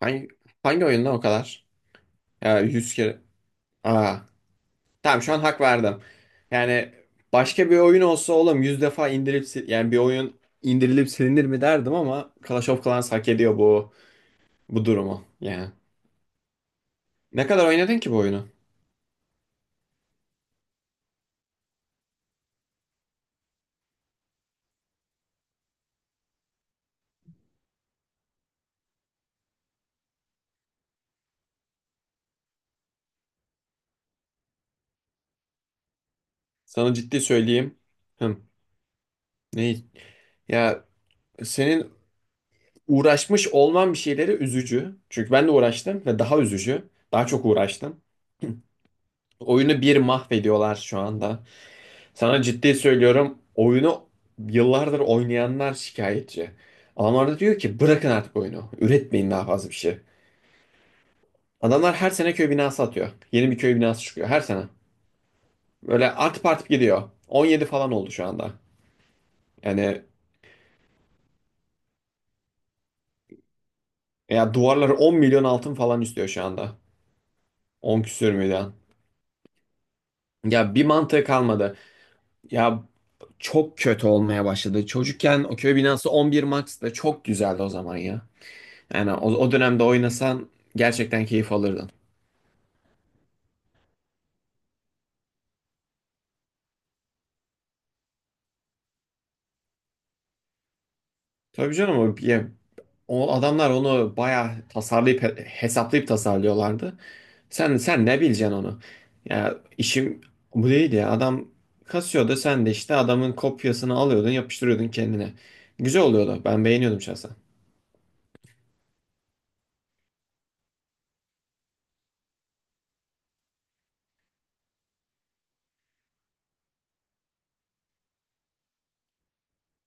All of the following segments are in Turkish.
Hangi, hangi oyunda o kadar? Ya 100 kere. Aa, tamam şu an hak verdim. Yani başka bir oyun olsa oğlum 100 defa indirip yani bir oyun indirilip silinir mi derdim ama Clash of Clans hak ediyor bu durumu. Yani ne kadar oynadın ki bu oyunu? Sana ciddi söyleyeyim. Hım, ne? Ya senin uğraşmış olman bir şeyleri üzücü. Çünkü ben de uğraştım ve daha üzücü. Daha çok uğraştım. Oyunu bir mahvediyorlar şu anda. Sana ciddi söylüyorum, oyunu yıllardır oynayanlar şikayetçi. Adamlar da diyor ki bırakın artık oyunu. Üretmeyin daha fazla bir şey. Adamlar her sene köy binası atıyor. Yeni bir köy binası çıkıyor her sene. Böyle artıp artıp gidiyor. 17 falan oldu şu anda. Yani ya duvarları 10 milyon altın falan istiyor şu anda. 10 küsür milyon. Ya bir mantığı kalmadı. Ya çok kötü olmaya başladı. Çocukken o köy binası 11 Max'ta çok güzeldi o zaman ya. Yani o dönemde oynasan gerçekten keyif alırdın. Tabii canım, o adamlar onu bayağı tasarlayıp hesaplayıp tasarlıyorlardı. Sen ne bileceksin onu? Ya işim bu değildi ya. Adam kasıyordu, sen de işte adamın kopyasını alıyordun, yapıştırıyordun kendine. Güzel oluyordu. Ben beğeniyordum şahsen.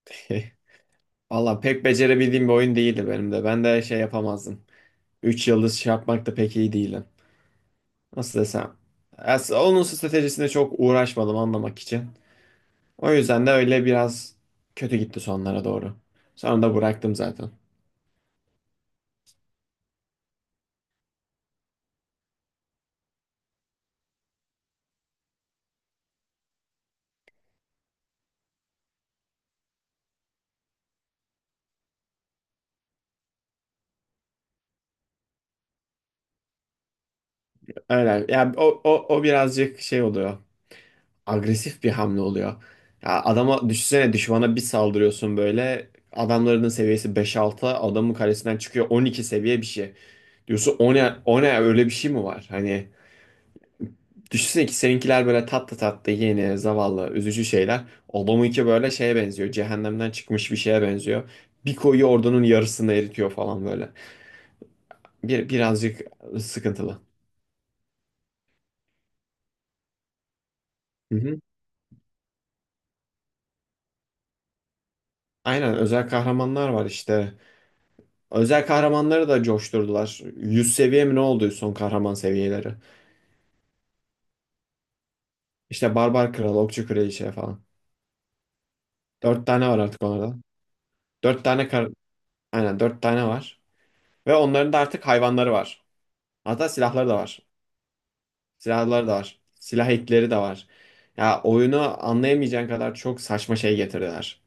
Valla pek becerebildiğim bir oyun değildi benim de. Ben de şey yapamazdım. 3 yıldız şey yapmak da pek iyi değilim. Nasıl desem. Onun stratejisine çok uğraşmadım anlamak için. O yüzden de öyle biraz kötü gitti sonlara doğru. Sonra da bıraktım zaten. Öyle. Ya o birazcık şey oluyor. Agresif bir hamle oluyor. Ya düşünsene, düşmana bir saldırıyorsun böyle. Adamların seviyesi beş altı adamın karesinden çıkıyor 12 seviye bir şey. Diyorsun o ne, o ne, öyle bir şey mi var? Hani düşünsene ki seninkiler böyle tatlı tatlı yeni, zavallı, üzücü şeyler. Adamınki böyle şeye benziyor. Cehennemden çıkmış bir şeye benziyor. Bir koyuyor, ordunun yarısını eritiyor falan böyle. Birazcık sıkıntılı. Hı hı. Aynen, özel kahramanlar var işte. Özel kahramanları da coşturdular. 100 seviye mi ne oldu son kahraman seviyeleri? İşte Barbar Kral, Okçu Kraliçe falan. 4 tane var artık onlarda. 4 tane kar Aynen, dört tane var. Ve onların da artık hayvanları var. Hatta silahları da var. Silahları da var. Silah ekleri de var. Ya oyunu anlayamayacağın kadar çok saçma şey getirdiler.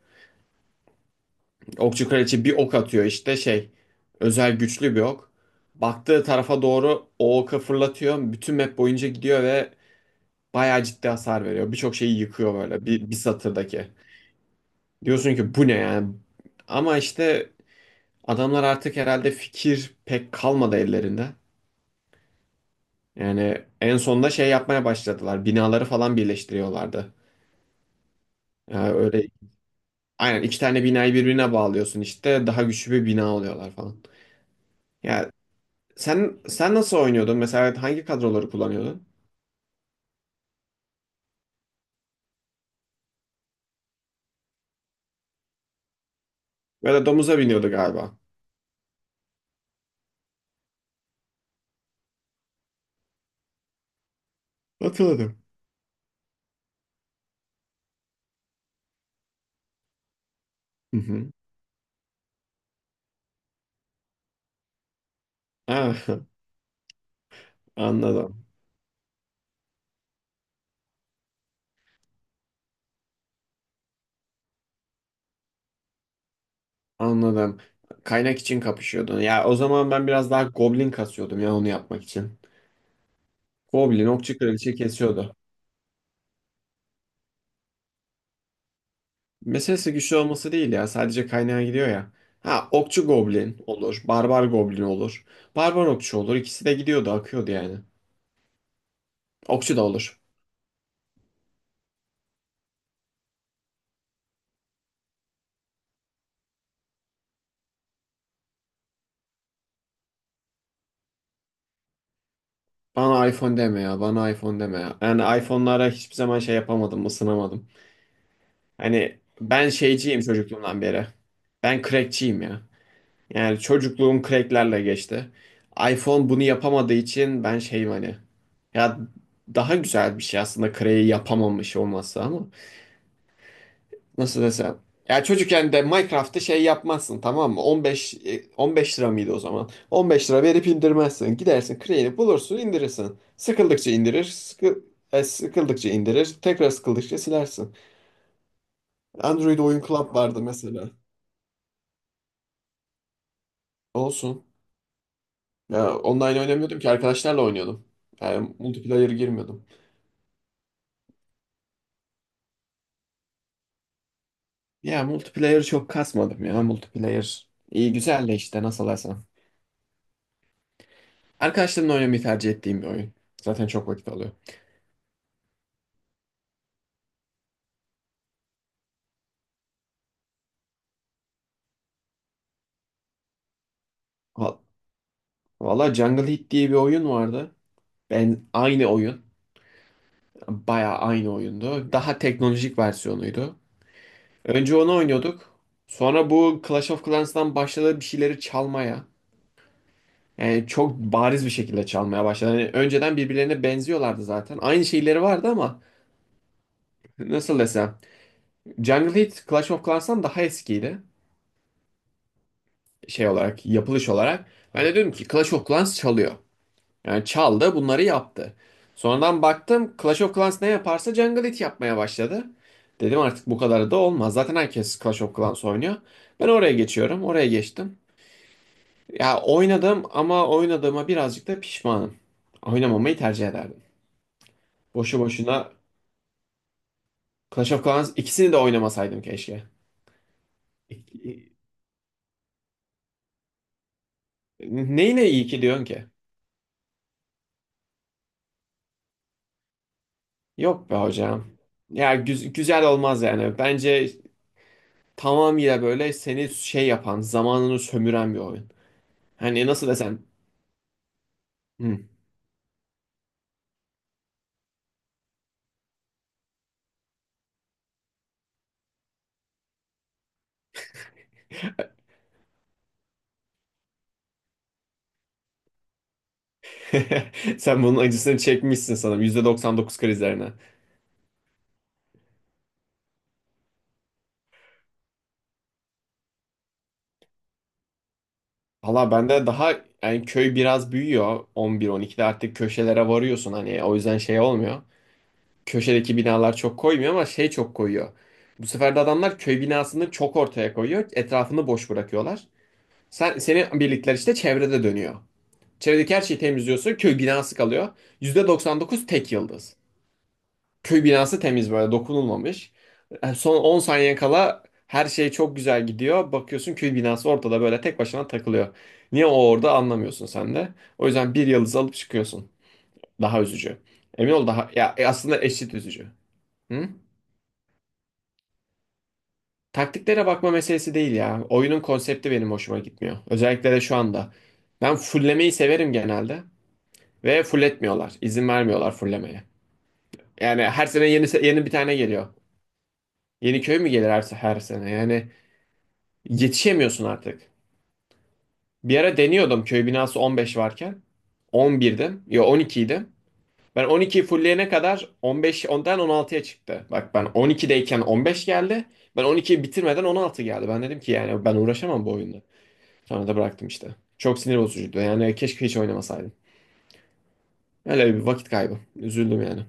Okçu kraliçe bir ok atıyor işte şey. Özel güçlü bir ok. Baktığı tarafa doğru o oka fırlatıyor. Bütün map boyunca gidiyor ve bayağı ciddi hasar veriyor. Birçok şeyi yıkıyor böyle bir satırdaki. Diyorsun ki bu ne yani? Ama işte adamlar artık herhalde fikir pek kalmadı ellerinde. Yani en sonunda şey yapmaya başladılar. Binaları falan birleştiriyorlardı. Yani öyle aynen iki tane binayı birbirine bağlıyorsun işte daha güçlü bir bina oluyorlar falan. Ya sen nasıl oynuyordun? Mesela hangi kadroları kullanıyordun? Ya domuza biniyordu galiba. Hatırladım. Hı hı. Ah, anladım. Anladım. Kaynak için kapışıyordun. Ya o zaman ben biraz daha goblin kasıyordum ya, onu yapmak için. Goblin, okçu, kraliçe kesiyordu. Meselesi güçlü olması değil ya. Sadece kaynağa gidiyor ya. Ha, okçu goblin olur. Barbar goblin olur. Barbar okçu olur. İkisi de gidiyordu, akıyordu yani. Okçu da olur. Bana iPhone deme ya, bana iPhone deme ya. Yani iPhone'lara hiçbir zaman şey yapamadım, ısınamadım. Hani ben şeyciyim çocukluğumdan beri. Ben crackçiyim ya. Yani çocukluğum cracklerle geçti. iPhone bunu yapamadığı için ben şeyim hani. Ya daha güzel bir şey aslında crack'i yapamamış olması ama. Nasıl desem? Ya çocukken de Minecraft'ta şey yapmazsın tamam mı? 15 lira mıydı o zaman? 15 lira verip indirmezsin. Gidersin Crane'i bulursun indirirsin. Sıkıldıkça indirir, sıkıldıkça indirir, tekrar sıkıldıkça silersin. Android oyun club vardı mesela. Olsun. Ya online oynamıyordum ki, arkadaşlarla oynuyordum. Yani multiplayer girmiyordum. Ya multiplayer çok kasmadım ya multiplayer. İyi güzel de işte nasıl desem. Arkadaşlarımla oynamayı tercih ettiğim bir oyun. Zaten çok vakit alıyor. Valla Jungle Heat diye bir oyun vardı. Ben aynı oyun. Bayağı aynı oyundu. Daha teknolojik versiyonuydu. Önce onu oynuyorduk. Sonra bu Clash of Clans'tan başladı bir şeyleri çalmaya. Yani çok bariz bir şekilde çalmaya başladı. Yani önceden birbirlerine benziyorlardı zaten. Aynı şeyleri vardı ama nasıl desem. Jungle Heat Clash of Clans'tan daha eskiydi. Şey olarak, yapılış olarak. Ben de dedim ki Clash of Clans çalıyor. Yani çaldı, bunları yaptı. Sonradan baktım Clash of Clans ne yaparsa Jungle It yapmaya başladı. Dedim artık bu kadar da olmaz. Zaten herkes Clash of Clans oynuyor. Ben oraya geçiyorum. Oraya geçtim. Ya oynadım ama oynadığıma birazcık da pişmanım. Oynamamayı tercih ederdim. Boşu boşuna Clash of Clans, ikisini de oynamasaydım keşke. İ- Neyine iyi ki diyorsun ki? Yok be hocam. Ya güzel olmaz yani. Bence tamamıyla böyle seni şey yapan, zamanını sömüren bir oyun. Hani nasıl desem? Hmm. Sen bunun acısını çekmişsin sanırım. %99 krizlerine. Valla bende daha, yani köy biraz büyüyor. 11-12'de artık köşelere varıyorsun. Hani o yüzden şey olmuyor. Köşedeki binalar çok koymuyor ama şey çok koyuyor. Bu sefer de adamlar köy binasını çok ortaya koyuyor. Etrafını boş bırakıyorlar. Senin birlikler işte çevrede dönüyor. Çevredeki her şeyi temizliyorsun. Köy binası kalıyor. %99 tek yıldız. Köy binası temiz, böyle dokunulmamış. Son 10 saniye kala her şey çok güzel gidiyor. Bakıyorsun köy binası ortada böyle tek başına takılıyor. Niye o orada anlamıyorsun sen de. O yüzden bir yıldız alıp çıkıyorsun. Daha üzücü. Emin ol daha ya aslında eşit üzücü. Hı? Taktiklere bakma meselesi değil ya. Oyunun konsepti benim hoşuma gitmiyor. Özellikle de şu anda. Ben fullemeyi severim genelde ve fulletmiyorlar. İzin vermiyorlar fullemeye. Yani her sene yeni yeni bir tane geliyor. Yeni köy mü gelir her sene? Yani yetişemiyorsun artık. Bir ara deniyordum köy binası 15 varken. 11'dim. Ya 12'ydim. Ben 12'yi fulleyene kadar 15, ondan 16'ya çıktı. Bak ben 12'deyken 15 geldi. Ben 12'yi bitirmeden 16 geldi. Ben dedim ki yani ben uğraşamam bu oyunda. Sonra da bıraktım işte. Çok sinir bozucuydu. Yani keşke hiç oynamasaydım. Öyle bir vakit kaybı. Üzüldüm yani.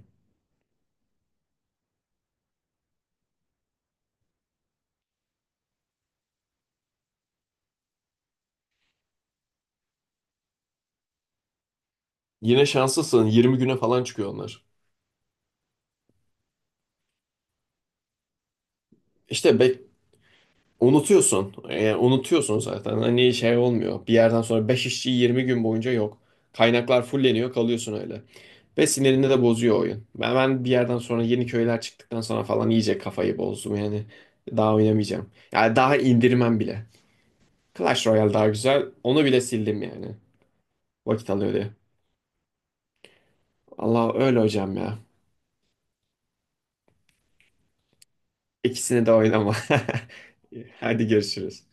Yine şanslısın. 20 güne falan çıkıyor onlar. İşte unutuyorsun. Unutuyorsun zaten. Hani şey olmuyor. Bir yerden sonra 5 işçi 20 gün boyunca yok. Kaynaklar fulleniyor, kalıyorsun öyle. Ve sinirini de bozuyor oyun. Ben bir yerden sonra yeni köyler çıktıktan sonra falan iyice kafayı bozdum yani. Daha oynamayacağım. Yani daha indirmem bile. Clash Royale daha güzel. Onu bile sildim yani. Vakit alıyor diye. Allah öyle hocam ya. İkisini de oynama. Hadi görüşürüz.